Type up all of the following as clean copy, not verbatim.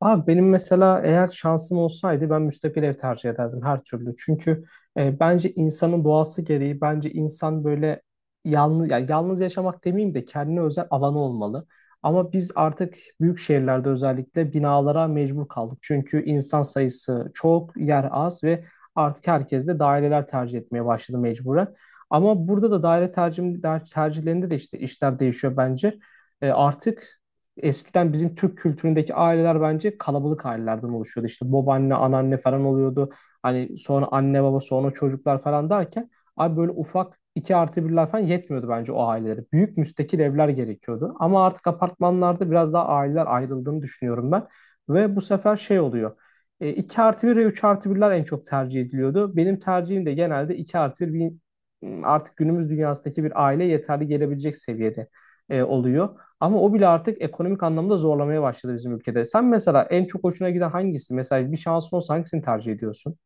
Abi benim mesela eğer şansım olsaydı ben müstakil ev tercih ederdim her türlü. Çünkü bence insanın doğası gereği bence insan böyle yalnız ya yalnız yaşamak demeyeyim de kendine özel alanı olmalı. Ama biz artık büyük şehirlerde özellikle binalara mecbur kaldık. Çünkü insan sayısı çok, yer az ve artık herkes de daireler tercih etmeye başladı mecburen. Ama burada da daire tercihlerinde de işte işler değişiyor bence. E, artık Eskiden bizim Türk kültüründeki aileler bence kalabalık ailelerden oluşuyordu. İşte babaanne, anneanne falan oluyordu. Hani sonra anne baba, sonra çocuklar falan derken abi böyle ufak iki artı birler falan yetmiyordu bence o ailelere. Büyük müstakil evler gerekiyordu. Ama artık apartmanlarda biraz daha aileler ayrıldığını düşünüyorum ben. Ve bu sefer şey oluyor. 2 artı bir ve 3 artı birler en çok tercih ediliyordu. Benim tercihim de genelde 2 artı bir. Artık günümüz dünyasındaki bir aile yeterli gelebilecek seviyede oluyor. Ama o bile artık ekonomik anlamda zorlamaya başladı bizim ülkede. Sen mesela en çok hoşuna giden hangisi? Mesela bir şansın olsa hangisini tercih ediyorsun?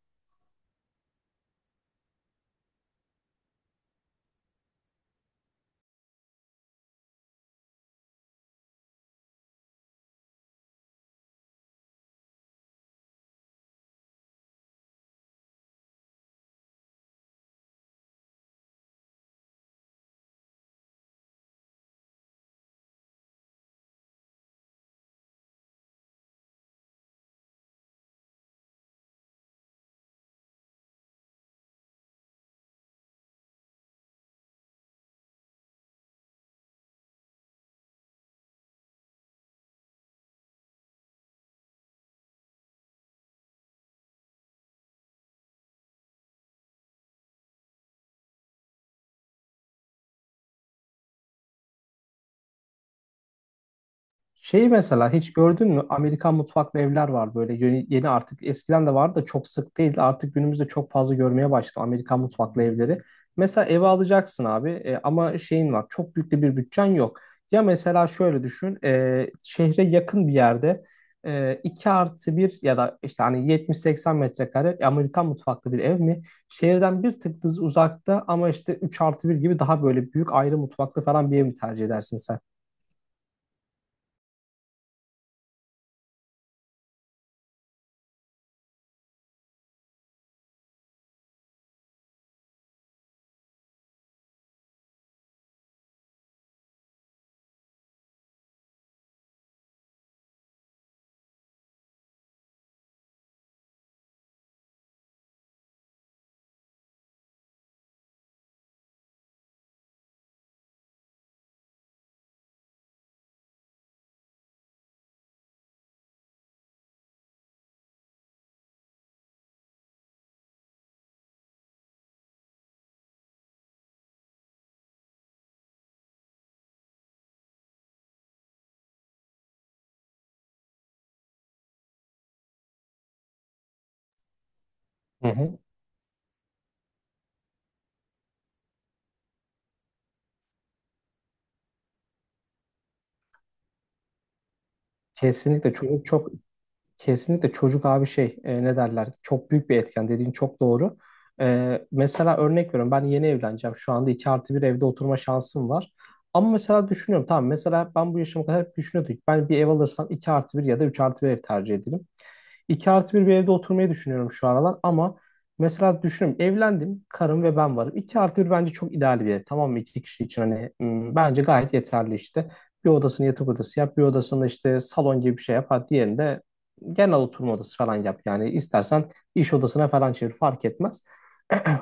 Şeyi mesela hiç gördün mü? Amerikan mutfaklı evler var böyle yeni, yeni artık eskiden de vardı da çok sık değil, artık günümüzde çok fazla görmeye başladı Amerikan mutfaklı evleri. Mesela eve alacaksın abi, ama şeyin var, çok büyük de bir bütçen yok. Ya mesela şöyle düşün, şehre yakın bir yerde 2 artı bir ya da işte hani 70-80 metrekare Amerikan mutfaklı bir ev mi? Şehirden bir tık düz uzakta ama işte 3 artı bir gibi daha böyle büyük ayrı mutfaklı falan bir ev mi tercih edersin sen? Hı hı. Kesinlikle çocuk çok kesinlikle çocuk abi, ne derler, çok büyük bir etken dediğin çok doğru. Mesela örnek veriyorum, ben yeni evleneceğim, şu anda 2 artı bir evde oturma şansım var. Ama mesela düşünüyorum, tamam mesela ben bu yaşıma kadar hep düşünüyordum ki ben bir ev alırsam 2 artı bir ya da 3 artı bir ev tercih ederim. 2 artı bir bir evde oturmayı düşünüyorum şu aralar ama mesela düşünüyorum, evlendim, karım ve ben varım. İki artı bir bence çok ideal bir ev, tamam mı? İki kişi için, hani, bence gayet yeterli işte. Bir odasını yatak odası yap, bir odasını işte salon gibi bir şey yap. Hadi diğerinde genel oturma odası falan yap. Yani istersen iş odasına falan çevir, fark etmez.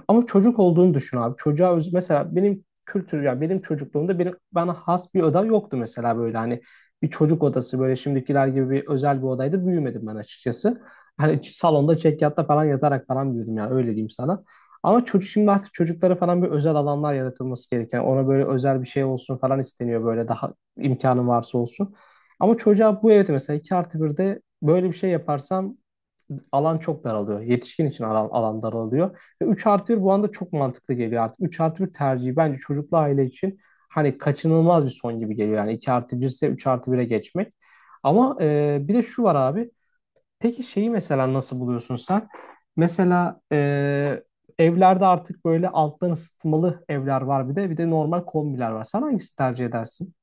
Ama çocuk olduğunu düşün abi. Mesela benim kültür, yani benim çocukluğumda benim bana has bir oda yoktu mesela, böyle hani bir çocuk odası böyle şimdikiler gibi bir özel bir odaydı büyümedim ben açıkçası. Hani salonda çekyatta falan yatarak falan büyüdüm, yani öyle diyeyim sana. Ama çocuk şimdi artık, çocuklara falan bir özel alanlar yaratılması gereken, ona böyle özel bir şey olsun falan isteniyor, böyle daha imkanı varsa olsun. Ama çocuğa bu evde mesela 2 artı 1'de böyle bir şey yaparsam alan çok daralıyor. Yetişkin için alan daralıyor. Ve 3 artı bir bu anda çok mantıklı geliyor artık. Üç artı bir tercihi bence çocuklu aile için hani kaçınılmaz bir son gibi geliyor. Yani 2 artı 1 ise 3 artı bire geçmek. Ama bir de şu var abi. Peki şeyi mesela nasıl buluyorsun sen? Mesela evlerde artık böyle alttan ısıtmalı evler var bir de. Bir de normal kombiler var. Sen hangisini tercih edersin?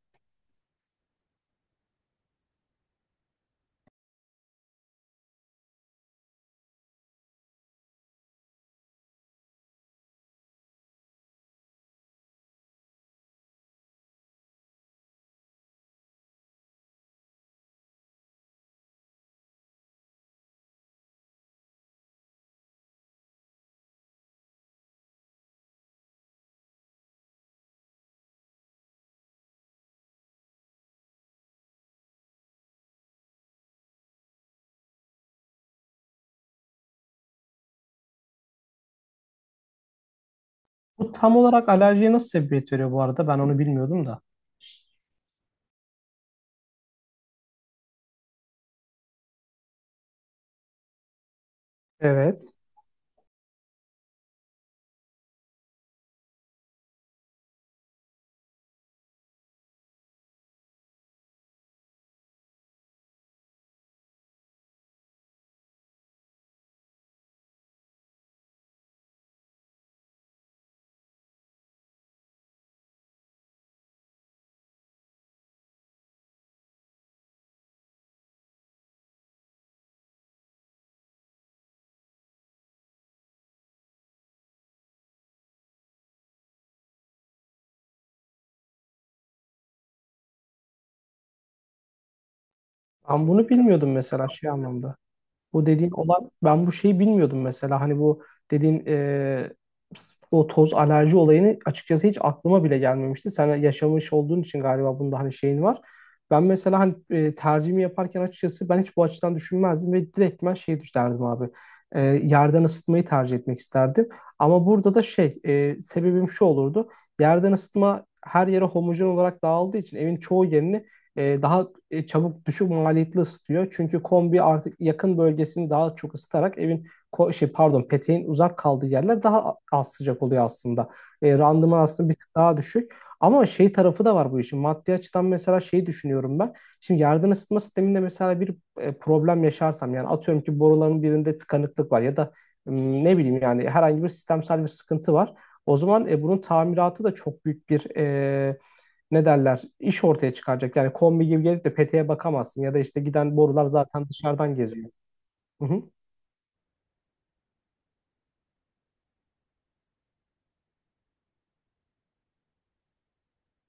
Bu tam olarak alerjiye nasıl sebebiyet veriyor bu arada? Ben onu bilmiyordum da. Evet. Ben bunu bilmiyordum mesela şey anlamda. Bu dediğin, olan ben bu şeyi bilmiyordum mesela, hani bu dediğin, o toz alerji olayını açıkçası hiç aklıma bile gelmemişti. Sen yaşamış olduğun için galiba bunda hani şeyin var. Ben mesela hani, tercihimi yaparken açıkçası ben hiç bu açıdan düşünmezdim ve direkt ben şey düşünerdim abi. Yerden ısıtmayı tercih etmek isterdim. Ama burada da şey, sebebim şu olurdu. Yerden ısıtma her yere homojen olarak dağıldığı için evin çoğu yerini daha çabuk, düşük maliyetli ısıtıyor. Çünkü kombi artık yakın bölgesini daha çok ısıtarak evin ko- şey pardon peteğin uzak kaldığı yerler daha az sıcak oluyor aslında. Randıman aslında bir tık daha düşük. Ama şey tarafı da var bu işin. Maddi açıdan mesela şeyi düşünüyorum ben. Şimdi yerden ısıtma sisteminde mesela bir problem yaşarsam, yani atıyorum ki boruların birinde tıkanıklık var ya da ne bileyim, yani herhangi bir sistemsel bir sıkıntı var. O zaman bunun tamiratı da çok büyük bir, ne derler, iş ortaya çıkaracak. Yani kombi gibi gelip de peteğe bakamazsın ya da işte giden borular zaten dışarıdan geziyor. Hı hı.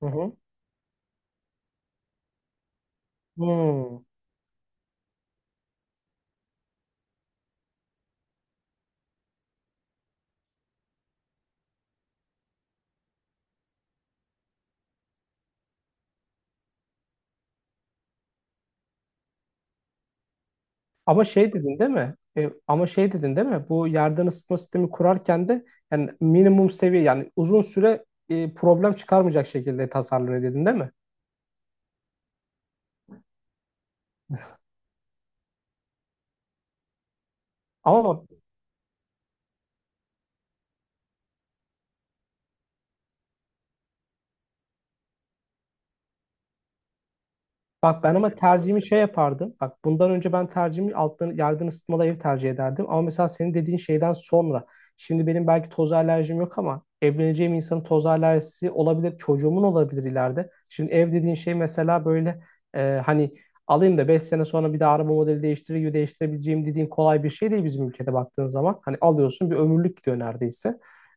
Hı hı. Hmm. Ama şey dedin değil mi? Ama şey dedin değil mi? Bu yerden ısıtma sistemi kurarken de yani minimum seviye, yani uzun süre problem çıkarmayacak şekilde tasarlanıyor dedin değil mi? Ama Bak ben ama tercihimi şey yapardım. Bak bundan önce ben tercihimi alttan yerden ısıtmalı ev tercih ederdim. Ama mesela senin dediğin şeyden sonra. Şimdi benim belki toz alerjim yok ama evleneceğim insanın toz alerjisi olabilir. Çocuğumun olabilir ileride. Şimdi ev dediğin şey mesela böyle, hani alayım da 5 sene sonra bir daha araba modeli değiştirir gibi değiştirebileceğim dediğin kolay bir şey değil bizim ülkede baktığın zaman. Hani alıyorsun, bir ömürlük gidiyor neredeyse.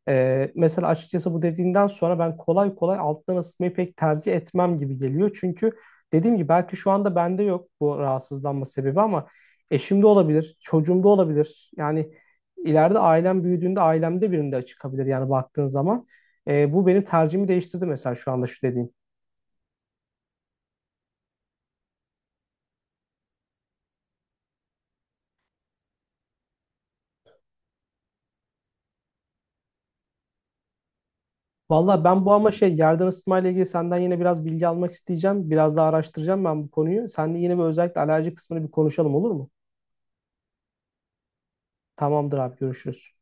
Mesela açıkçası bu dediğinden sonra ben kolay kolay alttan ısıtmayı pek tercih etmem gibi geliyor. Çünkü dediğim gibi belki şu anda bende yok bu rahatsızlanma sebebi ama eşimde olabilir, çocuğumda olabilir. Yani ileride ailem büyüdüğünde ailemde birinde çıkabilir yani, baktığın zaman. Bu benim tercihimi değiştirdi mesela şu anda şu dediğin. Valla ben bu ama şey, yerden ısıtma ile ilgili senden yine biraz bilgi almak isteyeceğim. Biraz daha araştıracağım ben bu konuyu. Seninle yine bir, özellikle alerji kısmını bir konuşalım, olur mu? Tamamdır abi, görüşürüz.